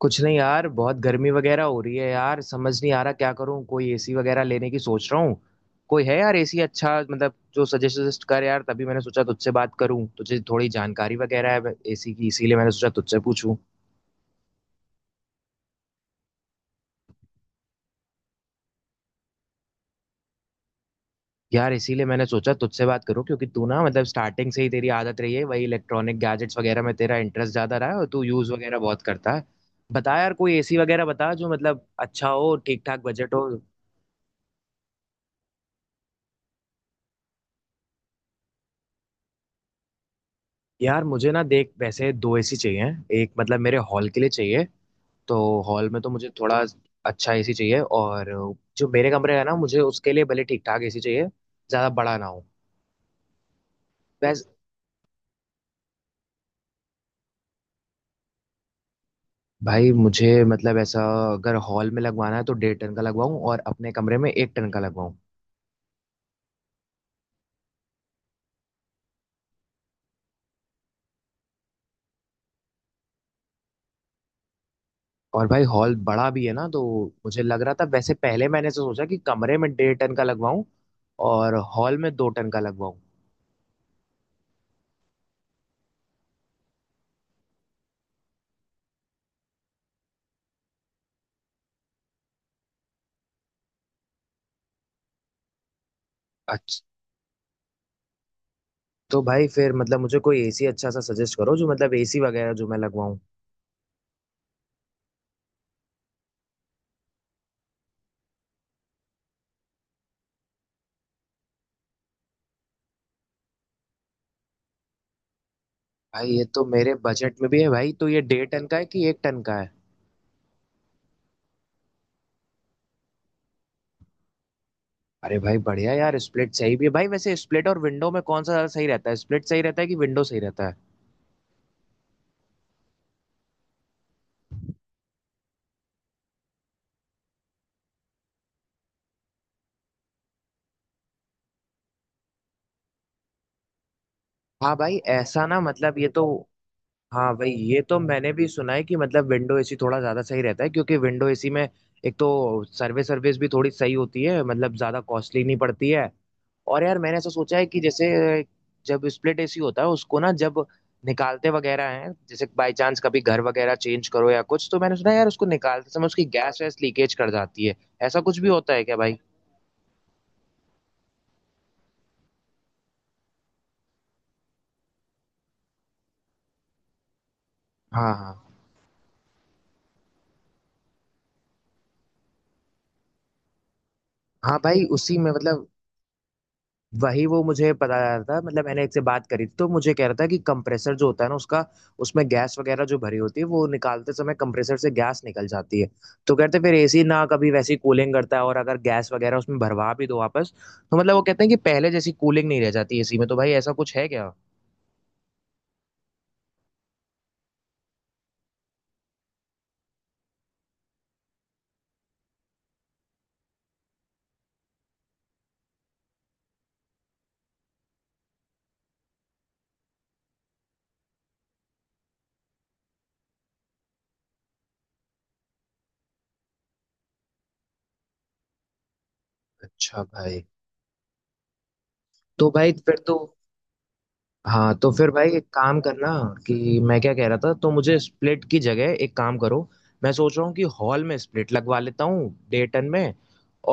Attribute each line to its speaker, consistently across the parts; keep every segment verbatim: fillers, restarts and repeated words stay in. Speaker 1: कुछ नहीं यार, बहुत गर्मी वगैरह हो रही है यार। समझ नहीं आ रहा क्या करूं। कोई एसी वगैरह लेने की सोच रहा हूँ। कोई है यार एसी अच्छा, मतलब जो सजेस्ट सजेस्ट कर यार। तभी मैंने सोचा तुझसे बात करूं, तुझे थोड़ी जानकारी वगैरह है एसी की, इसीलिए मैंने सोचा तुझसे पूछूं। यार इसीलिए मैंने सोचा तुझसे बात करूं क्योंकि तू ना मतलब स्टार्टिंग से ही तेरी आदत रही है वही, इलेक्ट्रॉनिक गैजेट्स वगैरह में तेरा इंटरेस्ट ज्यादा रहा है और तू यूज वगैरह बहुत करता है। बता यार कोई एसी वगैरह बता जो मतलब अच्छा हो, ठीक ठाक बजट हो। यार मुझे ना देख वैसे दो एसी चाहिए। एक मतलब मेरे हॉल के लिए चाहिए। तो हॉल में तो मुझे थोड़ा अच्छा एसी चाहिए, और जो मेरे कमरे है ना मुझे उसके लिए भले ठीक ठाक एसी चाहिए, ज्यादा बड़ा ना हो। वैस भाई मुझे मतलब ऐसा, अगर हॉल में लगवाना है तो डेढ़ टन का लगवाऊं और अपने कमरे में एक टन का लगवाऊं। और भाई हॉल बड़ा भी है ना, तो मुझे लग रहा था वैसे, पहले मैंने ऐसा सोचा कि कमरे में डेढ़ टन का लगवाऊं और हॉल में दो टन का लगवाऊं। तो भाई फिर मतलब मुझे कोई एसी अच्छा सा सजेस्ट करो, जो मतलब एसी वगैरह जो मैं लगवाऊं। भाई ये तो मेरे बजट में भी है भाई। तो ये डेढ़ टन का है कि एक टन का है? अरे भाई बढ़िया यार, स्प्लिट सही भी है भाई। वैसे स्प्लिट और विंडो में कौन सा ज्यादा सही रहता है? स्प्लिट सही रहता है कि विंडो सही रहता है? हाँ भाई ऐसा ना मतलब ये तो, हाँ भाई ये तो मैंने भी सुना है कि मतलब विंडो एसी थोड़ा ज्यादा सही रहता है, क्योंकि विंडो एसी में एक तो सर्विस सर्विस भी थोड़ी सही होती है, मतलब ज्यादा कॉस्टली नहीं पड़ती है। और यार मैंने ऐसा सोचा है कि जैसे जब स्प्लिट एसी होता है उसको ना, जब निकालते वगैरह हैं, जैसे बाय चांस कभी घर वगैरह चेंज करो या कुछ, तो मैंने सुना यार उसको निकालते समय उसकी गैस वैस लीकेज कर जाती है। ऐसा कुछ भी होता है क्या भाई? हाँ हाँ। हाँ भाई उसी में मतलब वही वो मुझे पता चला था, मतलब मैंने एक से बात करी थी तो मुझे कह रहा था कि कंप्रेसर जो होता है ना उसका, उसमें गैस वगैरह जो भरी होती है वो निकालते समय कंप्रेसर से गैस निकल जाती है। तो कहते फिर एसी ना कभी वैसी कूलिंग करता है, और अगर गैस वगैरह उसमें भरवा भी दो वापस, तो मतलब वो कहते हैं कि पहले जैसी कूलिंग नहीं रह जाती एसी में। तो भाई ऐसा कुछ है क्या? अच्छा भाई, तो भाई फिर तो हाँ, तो फिर भाई एक काम करना कि मैं क्या कह रहा था, तो मुझे स्प्लिट की जगह एक काम करो। मैं सोच रहा हूँ कि हॉल में स्प्लिट लगवा लेता हूँ डे टन में,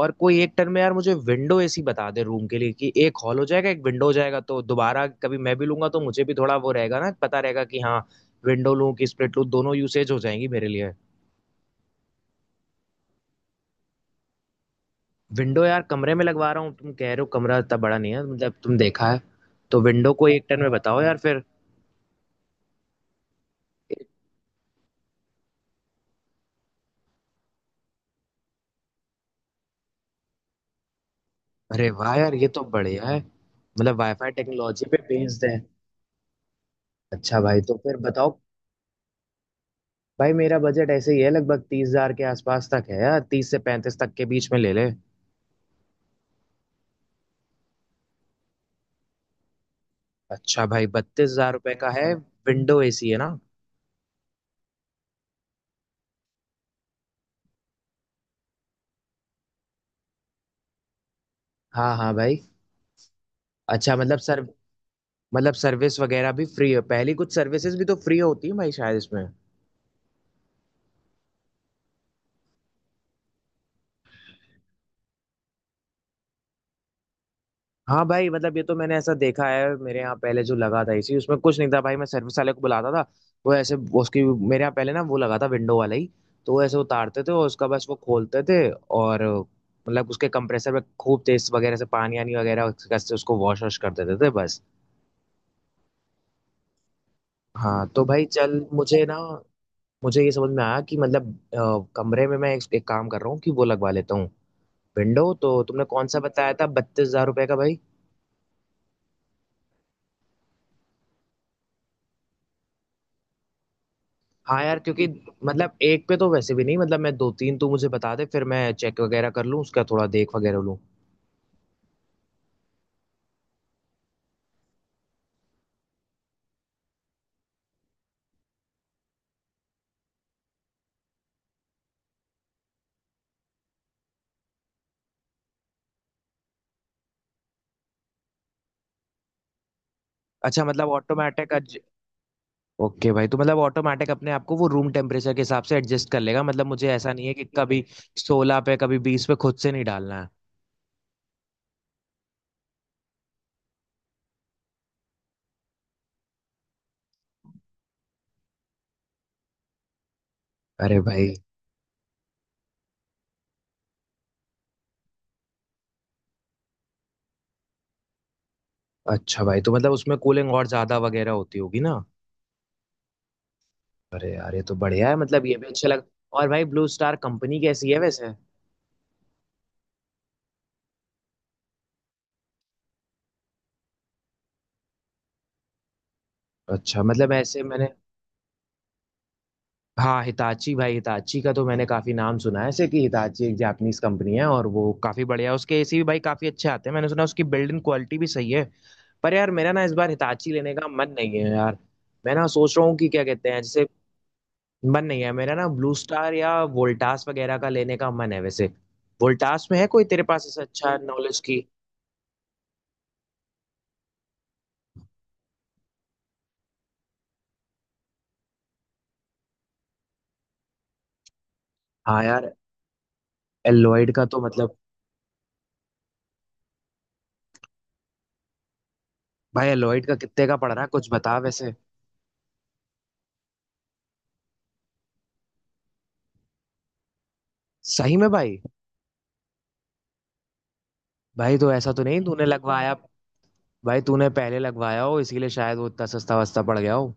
Speaker 1: और कोई एक टन में यार मुझे विंडो एसी बता दे रूम के लिए, कि एक हॉल हो जाएगा, एक विंडो हो जाएगा, तो दोबारा कभी मैं भी लूंगा तो मुझे भी थोड़ा वो रहेगा ना, पता रहेगा कि हाँ, विंडो लूँ कि स्प्लिट लूँ, दोनों यूसेज हो जाएंगी मेरे लिए। विंडो यार कमरे में लगवा रहा हूँ, तुम कह रहे हो कमरा इतना बड़ा नहीं है, मतलब तुम देखा है। तो विंडो को एक टन में बताओ यार फिर। अरे वाह यार, ये तो बढ़िया है। मतलब वाईफाई टेक्नोलॉजी पे बेस्ड है? अच्छा भाई तो फिर बताओ। भाई मेरा बजट ऐसे ही है, लगभग तीस हजार के आसपास तक है यार, तीस से पैंतीस तक के बीच में ले ले। अच्छा भाई बत्तीस हजार रुपये का है? विंडो एसी है ना? हाँ हाँ भाई। अच्छा मतलब सर मतलब सर्विस वगैरह भी फ्री है? पहली कुछ सर्विसेज भी तो फ्री होती है भाई शायद इसमें। हाँ भाई मतलब ये तो मैंने ऐसा देखा है, मेरे यहाँ पहले जो लगा था इसी, उसमें कुछ नहीं था भाई, मैं सर्विस वाले को बुलाता था, वो ऐसे, वो उसकी मेरे यहाँ पहले ना वो लगा था विंडो वाला ही। तो वो ऐसे उतारते थे और उसका बस वो खोलते थे, और मतलब उसके कंप्रेसर में खूब तेज वगैरह से पानी आनी वगैरह से उसको वॉश वॉश कर देते थे बस। हाँ तो भाई चल, मुझे ना मुझे ये समझ में आया कि मतलब अ, कमरे में मैं एक, एक काम कर रहा हूँ कि वो लगवा लेता हूँ। विंडो तो तुमने कौन सा बताया था, बत्तीस हजार रुपये का भाई? हाँ यार क्योंकि मतलब एक पे तो वैसे भी नहीं, मतलब मैं दो तीन तो मुझे बता दे, फिर मैं चेक वगैरह कर लूँ उसका, थोड़ा देख वगैरह लूँ। अच्छा मतलब ऑटोमेटिक, ओके भाई तो मतलब ऑटोमेटिक अपने आप को वो रूम टेम्परेचर के हिसाब से एडजस्ट कर लेगा, मतलब मुझे ऐसा नहीं है कि कभी सोलह पे कभी बीस पे खुद से नहीं डालना है। अरे भाई, अच्छा भाई तो मतलब उसमें कूलिंग और ज्यादा वगैरह होती होगी ना? अरे यार ये तो बढ़िया है, मतलब ये भी अच्छा लग। और भाई ब्लू स्टार कंपनी कैसी है वैसे? अच्छा मतलब ऐसे मैंने, हाँ, हिताची भाई, हिताची का तो मैंने काफी नाम सुना है ऐसे, कि हिताची एक जापानीज कंपनी है और वो काफी बढ़िया है, उसके एसी भी भाई काफी अच्छे आते हैं मैंने सुना, उसकी बिल्ड इन क्वालिटी भी सही है। पर यार मेरा ना इस बार हिताची लेने का मन नहीं है यार। मैं ना सोच रहा हूँ कि क्या कहते हैं, जैसे मन नहीं है मेरा ना, ब्लू स्टार या वोल्टास वगैरह का लेने का मन है वैसे। वोल्टास में है कोई तेरे पास ऐसा अच्छा नॉलेज की? हाँ यार एलॉयड का तो मतलब, भाई एलॉयड का कितने का पड़ रहा है कुछ बता वैसे। सही में भाई? भाई तो ऐसा तो नहीं तूने लगवाया, भाई तूने पहले लगवाया हो इसीलिए शायद वो इतना सस्ता वस्ता पड़ गया हो।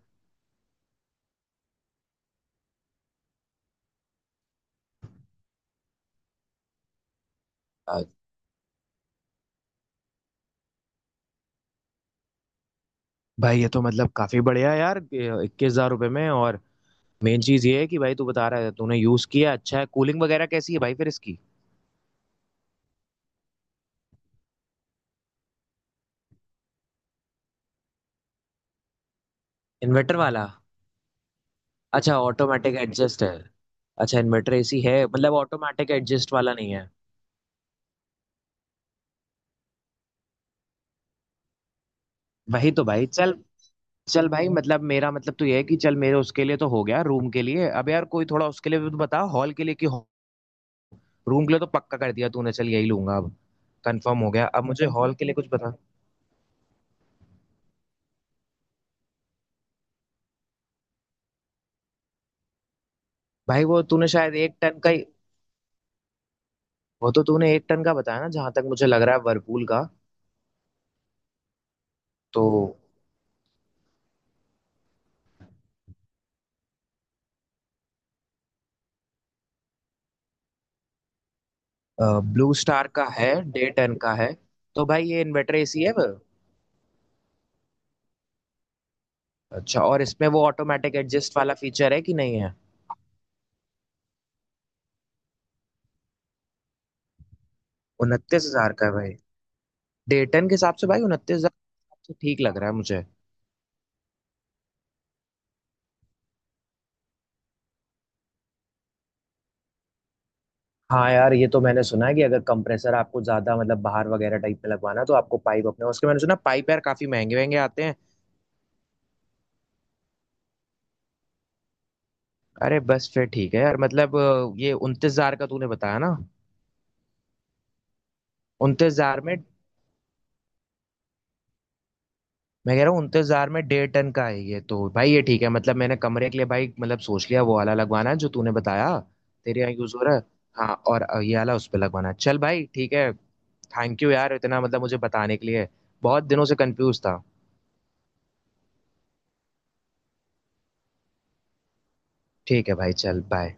Speaker 1: आ, भाई ये तो मतलब काफी बढ़िया है यार, इक्कीस हजार रुपये में। और मेन चीज ये है कि भाई तू बता रहा है, तूने यूज किया, अच्छा है कूलिंग वगैरह कैसी है भाई फिर इसकी? इन्वर्टर वाला? अच्छा ऑटोमेटिक एडजस्ट है। अच्छा इन्वर्टर एसी है मतलब, ऑटोमेटिक एडजस्ट वाला नहीं है? वही तो भाई, चल, चल भाई मतलब मेरा मतलब तो ये है कि चल मेरे उसके लिए तो हो गया रूम के लिए। अब यार कोई थोड़ा उसके लिए भी तो बता हॉल के लिए, कि रूम के लिए तो पक्का कर दिया तूने, चल यही लूंगा अब। कंफर्म हो गया, अब मुझे हॉल के लिए कुछ बता। भाई वो तूने शायद एक टन का ही, वो तो तूने एक टन का बताया ना जहां तक मुझे लग रहा है वर्लपूल का। तो ब्लू स्टार का है डेढ़ टन का है? तो भाई ये इन्वर्टर एसी है वो? अच्छा और इसमें वो ऑटोमेटिक एडजस्ट वाला फीचर है कि नहीं है? उनतीस हजार का है भाई? डेढ़ टन के हिसाब से भाई उनतीस हजार तो ठीक लग रहा है मुझे। हाँ यार ये तो मैंने सुना है कि अगर कंप्रेसर आपको ज्यादा मतलब बाहर वगैरह टाइप में लगवाना है, तो आपको पाइप अपने उसके, मैंने सुना पाइप यार काफी महंगे महंगे आते हैं। अरे बस फिर ठीक है यार, मतलब अ, ये उनतीस हजार का तूने बताया ना, उनतीस हजार में? मैं कह रहा हूँ उनतीस हजार में डेढ़ टन का है ये, तो भाई ये ठीक है। मतलब मैंने कमरे के लिए भाई मतलब सोच लिया वो वाला लगवाना है जो तूने बताया, तेरे यहाँ यूज हो रहा है। हाँ, और अ, ये वाला उस पर लगवाना है। चल भाई ठीक है। थैंक यू यार, इतना मतलब मुझे बताने के लिए, बहुत दिनों से कंफ्यूज था। ठीक है भाई चल बाय।